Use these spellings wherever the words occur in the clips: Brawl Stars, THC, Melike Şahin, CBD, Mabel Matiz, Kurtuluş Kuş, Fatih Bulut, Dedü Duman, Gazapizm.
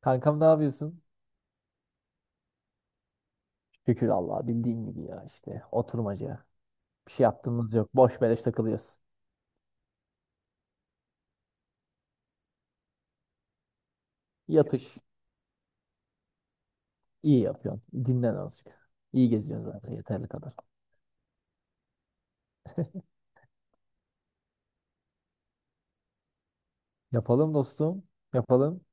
Kankam ne yapıyorsun? Şükür Allah'a bildiğin gibi ya işte oturmaca. Bir şey yaptığımız yok. Boş beleş takılıyoruz. Yatış. İyi yapıyorsun. Dinlen azıcık. İyi geziyorsun zaten yeterli kadar. Yapalım dostum. Yapalım.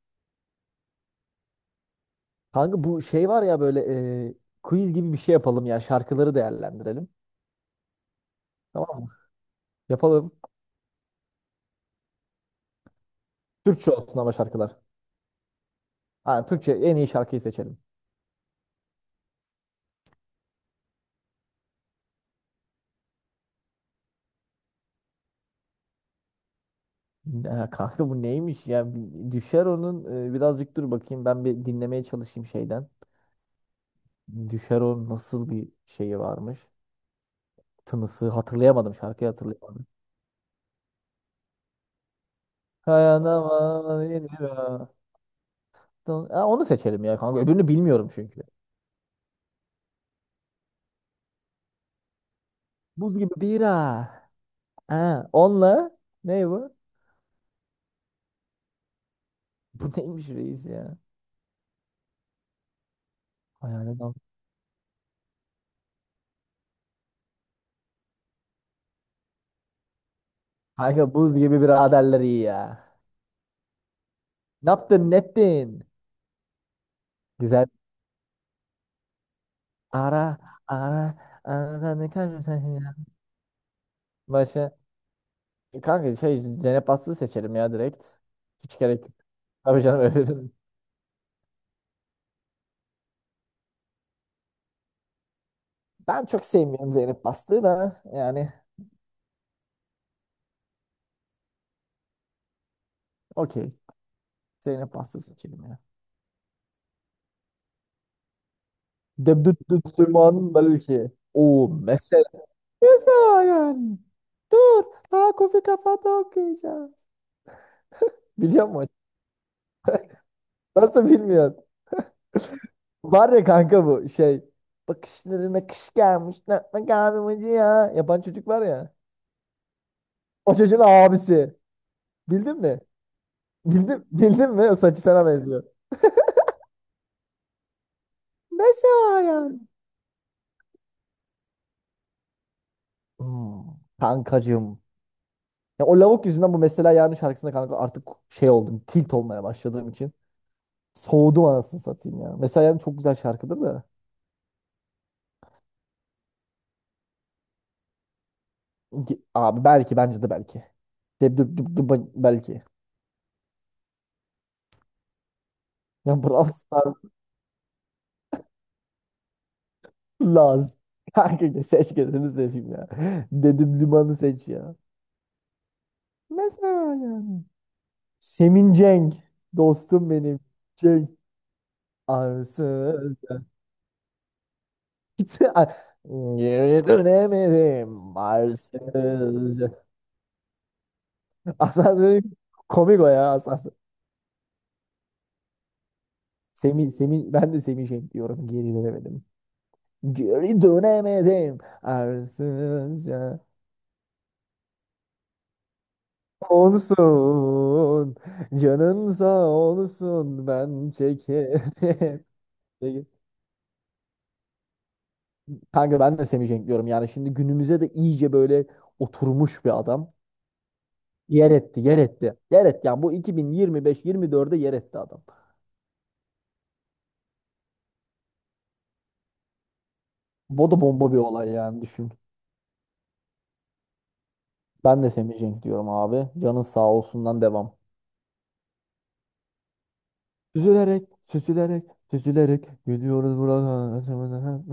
Kanka bu şey var ya böyle e, quiz gibi bir şey yapalım ya. Şarkıları değerlendirelim. Tamam mı? Yapalım. Türkçe olsun ama şarkılar. Ha, Türkçe en iyi şarkıyı seçelim. Ha, kanka bu neymiş ya? Bir Düşer onun. Birazcık dur bakayım. Ben bir dinlemeye çalışayım şeyden. Düşer o nasıl bir şeyi varmış. Tınısı hatırlayamadım, şarkıyı hatırlayamadım. Dayanamam yine. Ha, onu seçelim ya kanka. Öbürünü bilmiyorum çünkü. Buz gibi bira. Ha, onunla ne bu? Bu neymiş reis ya? Hayalet al. Kanka buz gibi biraderler iyi ya. Ne yaptın ne ettin? Güzel. Ara, ara, ara ne kadar sen ya. Başa. E kanka şey Cennet Bastı'yı seçelim ya direkt. Hiç gerek yok. Tabii canım öyle. Ben çok sevmiyorum Zeynep Bastık'ı da yani, okey. Zeynep Bastık seçelim ya. Debdüdüdüman belki. O mesela. Mesela yani. Dur. Daha kofi kafada okuyacağım. Biliyor musun? Nasıl bilmiyorsun? Var ya kanka bu şey. Bakışlarına kış gelmiş. Ne ne kahvemacı ya. Yapan çocuk var ya. O çocuğun abisi. Bildin mi? Bildim, bildin mi? O saçı sana benziyor. Mesela yani. Hmm, kankacığım. Ya o lavuk yüzünden bu mesela yarın şarkısında kanka artık şey oldum. Tilt olmaya başladığım için. Soğudum anasını satayım ya. Mesela yani çok güzel şarkıdır da. Abi belki, bence de belki. Deb düb düb düb belki. Ya Brawl Stars Laz. Kanka seç kendini seçeyim ya. Dedim limanı seç ya. Mesela yani. Semin Cenk. Dostum benim. Cenk. Arsız. Geri dönemedim. Arsız. Asansör dedim, komik o ya asansör. Semih, ben de Semih Cenk diyorum. Geri dönemedim. Geri dönemedim. Arsızca olsun. Canın sağ olsun. Ben çekerim. Peki. Kanka ben de Semih Cenk diyorum. Yani şimdi günümüze de iyice böyle oturmuş bir adam. Yer etti, yer etti. Yer etti. Yani bu 2025-24'e yer etti adam. Bu da bomba bir olay yani düşün. Ben de Semih Cenk diyorum abi. Canın sağ olsundan devam. Süzülerek, süzülerek, süzülerek geliyoruz buradan.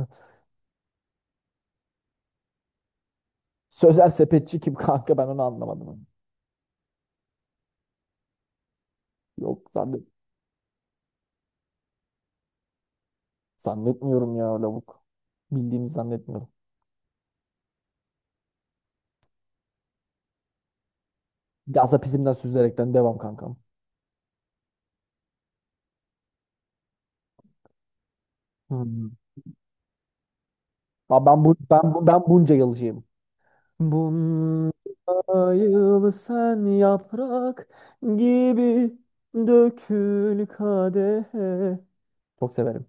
Sözel sepetçi kim kanka, ben onu anlamadım. Yok zannet, zannetmiyorum ya lavuk. Bildiğimi zannetmiyorum. Gazapizmden süzülerekten devam kankam. Hmm. Aa, Ben bunca yılcıyım. Bunca yıl sen yaprak gibi dökül kadehe. Çok severim.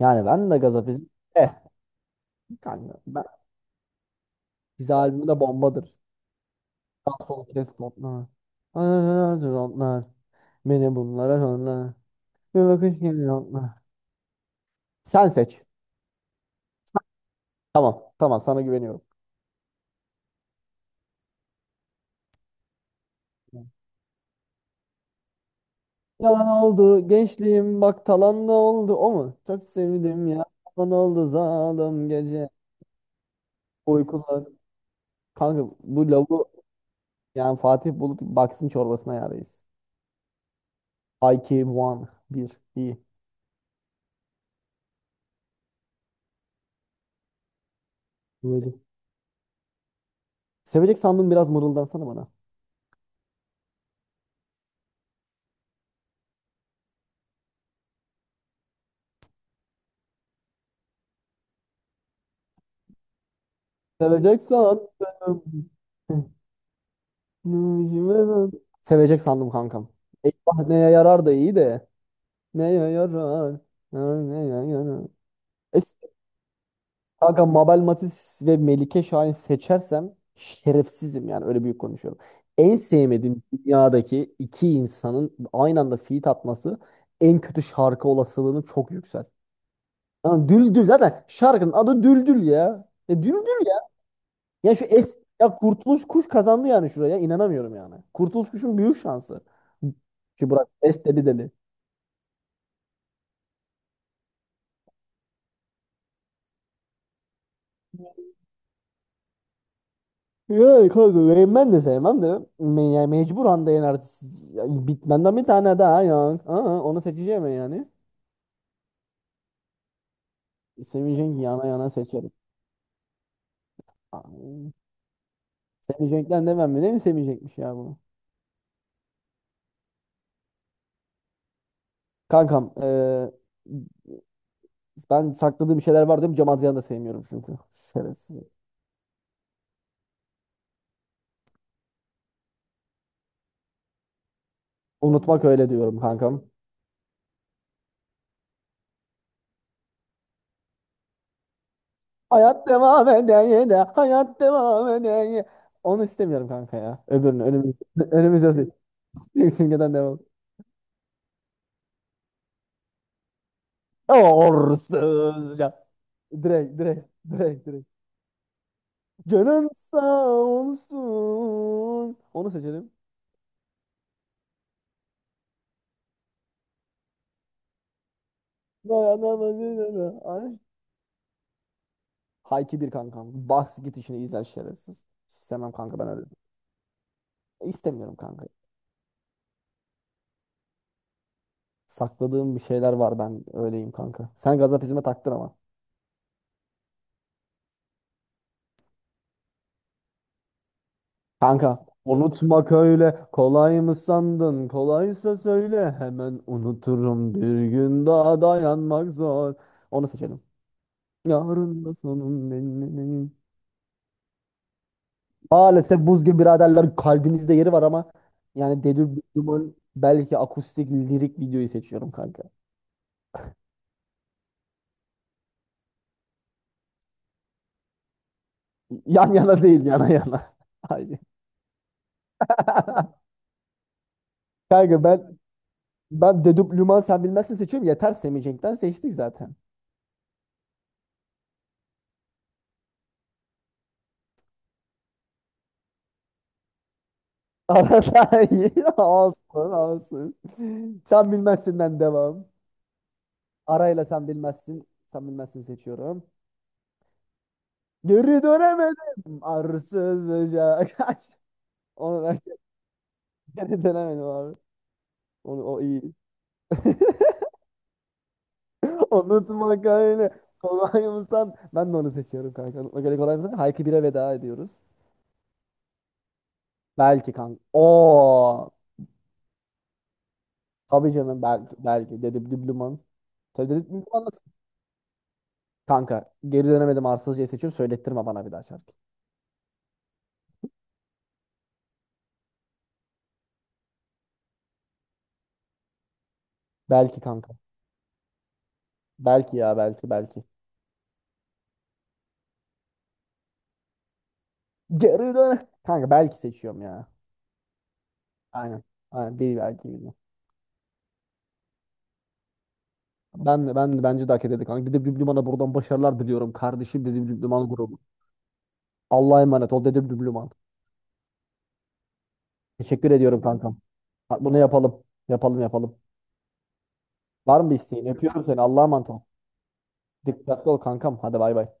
Yani ben de Gazapizm. Eh kanka ben, Biz albümü de bombadır. Sol kes botlar. Anadır onlar. Beni bunlara onlar. Bir bakış geliyor onlar. Sen seç. Tamam. Tamam sana güveniyorum. Yalan oldu gençliğim bak talan da oldu, o mu? Çok sevdim ya. Yalan oldu zalim gece. Uykular. Kanka bu lavu yani Fatih Bulut baksın çorbasına yarayız. IQ 1. 1. İyi. Böyle. Sevecek sandım biraz mırıldansana bana. Sevecek sandım. Sevecek sandım kankam. Eyvah neye yarar da iyi de. Neye yarar? Ha, neye yarar? E, Kanka Mabel Matiz ve Melike Şahin seçersem şerefsizim yani, öyle büyük konuşuyorum. En sevmediğim dünyadaki iki insanın aynı anda feat atması en kötü şarkı olasılığını çok yükselt. Yani Düldül zaten şarkının adı Düldül ya. E, Düldül ya şu es ya Kurtuluş Kuş kazandı yani şuraya. İnanamıyorum yani. Kurtuluş Kuş'un büyük şansı. Ki Burak es dedi. Ya kanka Rain Man de sevmem de me ya mecbur de yani bitmenden bir tane daha ya. Aa, onu seçeceğim ben yani. Semih Cenk yana yana seçerim. Aa, Semih Cenk'ten demem mi? Ne mi Semih Cenk'miş ya bu? Kankam, ben sakladığım bir şeyler var diyorum. Cem Adrian'ı da sevmiyorum çünkü. Şerefsiz. Unutmak öyle diyorum kankam. Hayat devam eder de hayat devam eder ye. Onu istemiyorum kanka ya. Öbürünü önümüz önümüzde sim- simgeden devam. Orsuzca. Direkt, direkt, direkt, direkt. Canın sağ olsun. Onu seçelim. Dayanamadım. Ay. Hayki bir kankam. Bas git işini izler şerefsiz. İstemem kanka ben öyle. İstemiyorum kanka. Sakladığım bir şeyler var ben öyleyim kanka. Sen gazapizme taktın ama. Kanka unutmak öyle kolay mı sandın? Kolaysa söyle hemen unuturum. Bir gün daha dayanmak zor. Onu seçelim. Yarın da sonum belli. Maalesef buz gibi biraderler kalbinizde yeri var ama yani Dedü Duman belki akustik lirik videoyu seçiyorum kanka. Yan yana değil, yana yana. Hayır. Kanka ben Dedüp Luman sen bilmezsin seçiyorum. Yeter Semih Cenk'ten seçtik zaten. Arada iyi. Olsun. Sen bilmezsinden devam. Arayla sen bilmezsin. Sen bilmezsin seçiyorum. Geri dönemedim. Arsız ocak. Onu ben geri dönemedim abi. Onu, o iyi. Unutmak öyle. Kolay mı san? Ben de onu seçiyorum kanka. Unutmak öyle kolay mı san? Hayki bire veda ediyoruz. Belki kanka. Oo. Tabii canım belki. Belki. Dedim düblüman. Tabii dedim düblüman nasıl? Kanka geri dönemedim arsızcayı seçiyorum. Söylettirme bana bir daha şarkı. Belki kanka. Belki ya belki belki. Geri dön. Kanka belki seçiyorum ya. Aynen. Aynen bir belki bilmiyorum. Ben de bence de hak ederdi kanka. Dede Blübluman'a buradan başarılar diliyorum, kardeşim Dede Blübluman grubu. Allah'a emanet ol Dede Blübluman. Teşekkür ediyorum kankam. Ha, bunu yapalım. Yapalım. Var mı bir isteğin? Öpüyorum seni. Allah'a emanet ol. Dikkatli ol kankam. Hadi bay bay.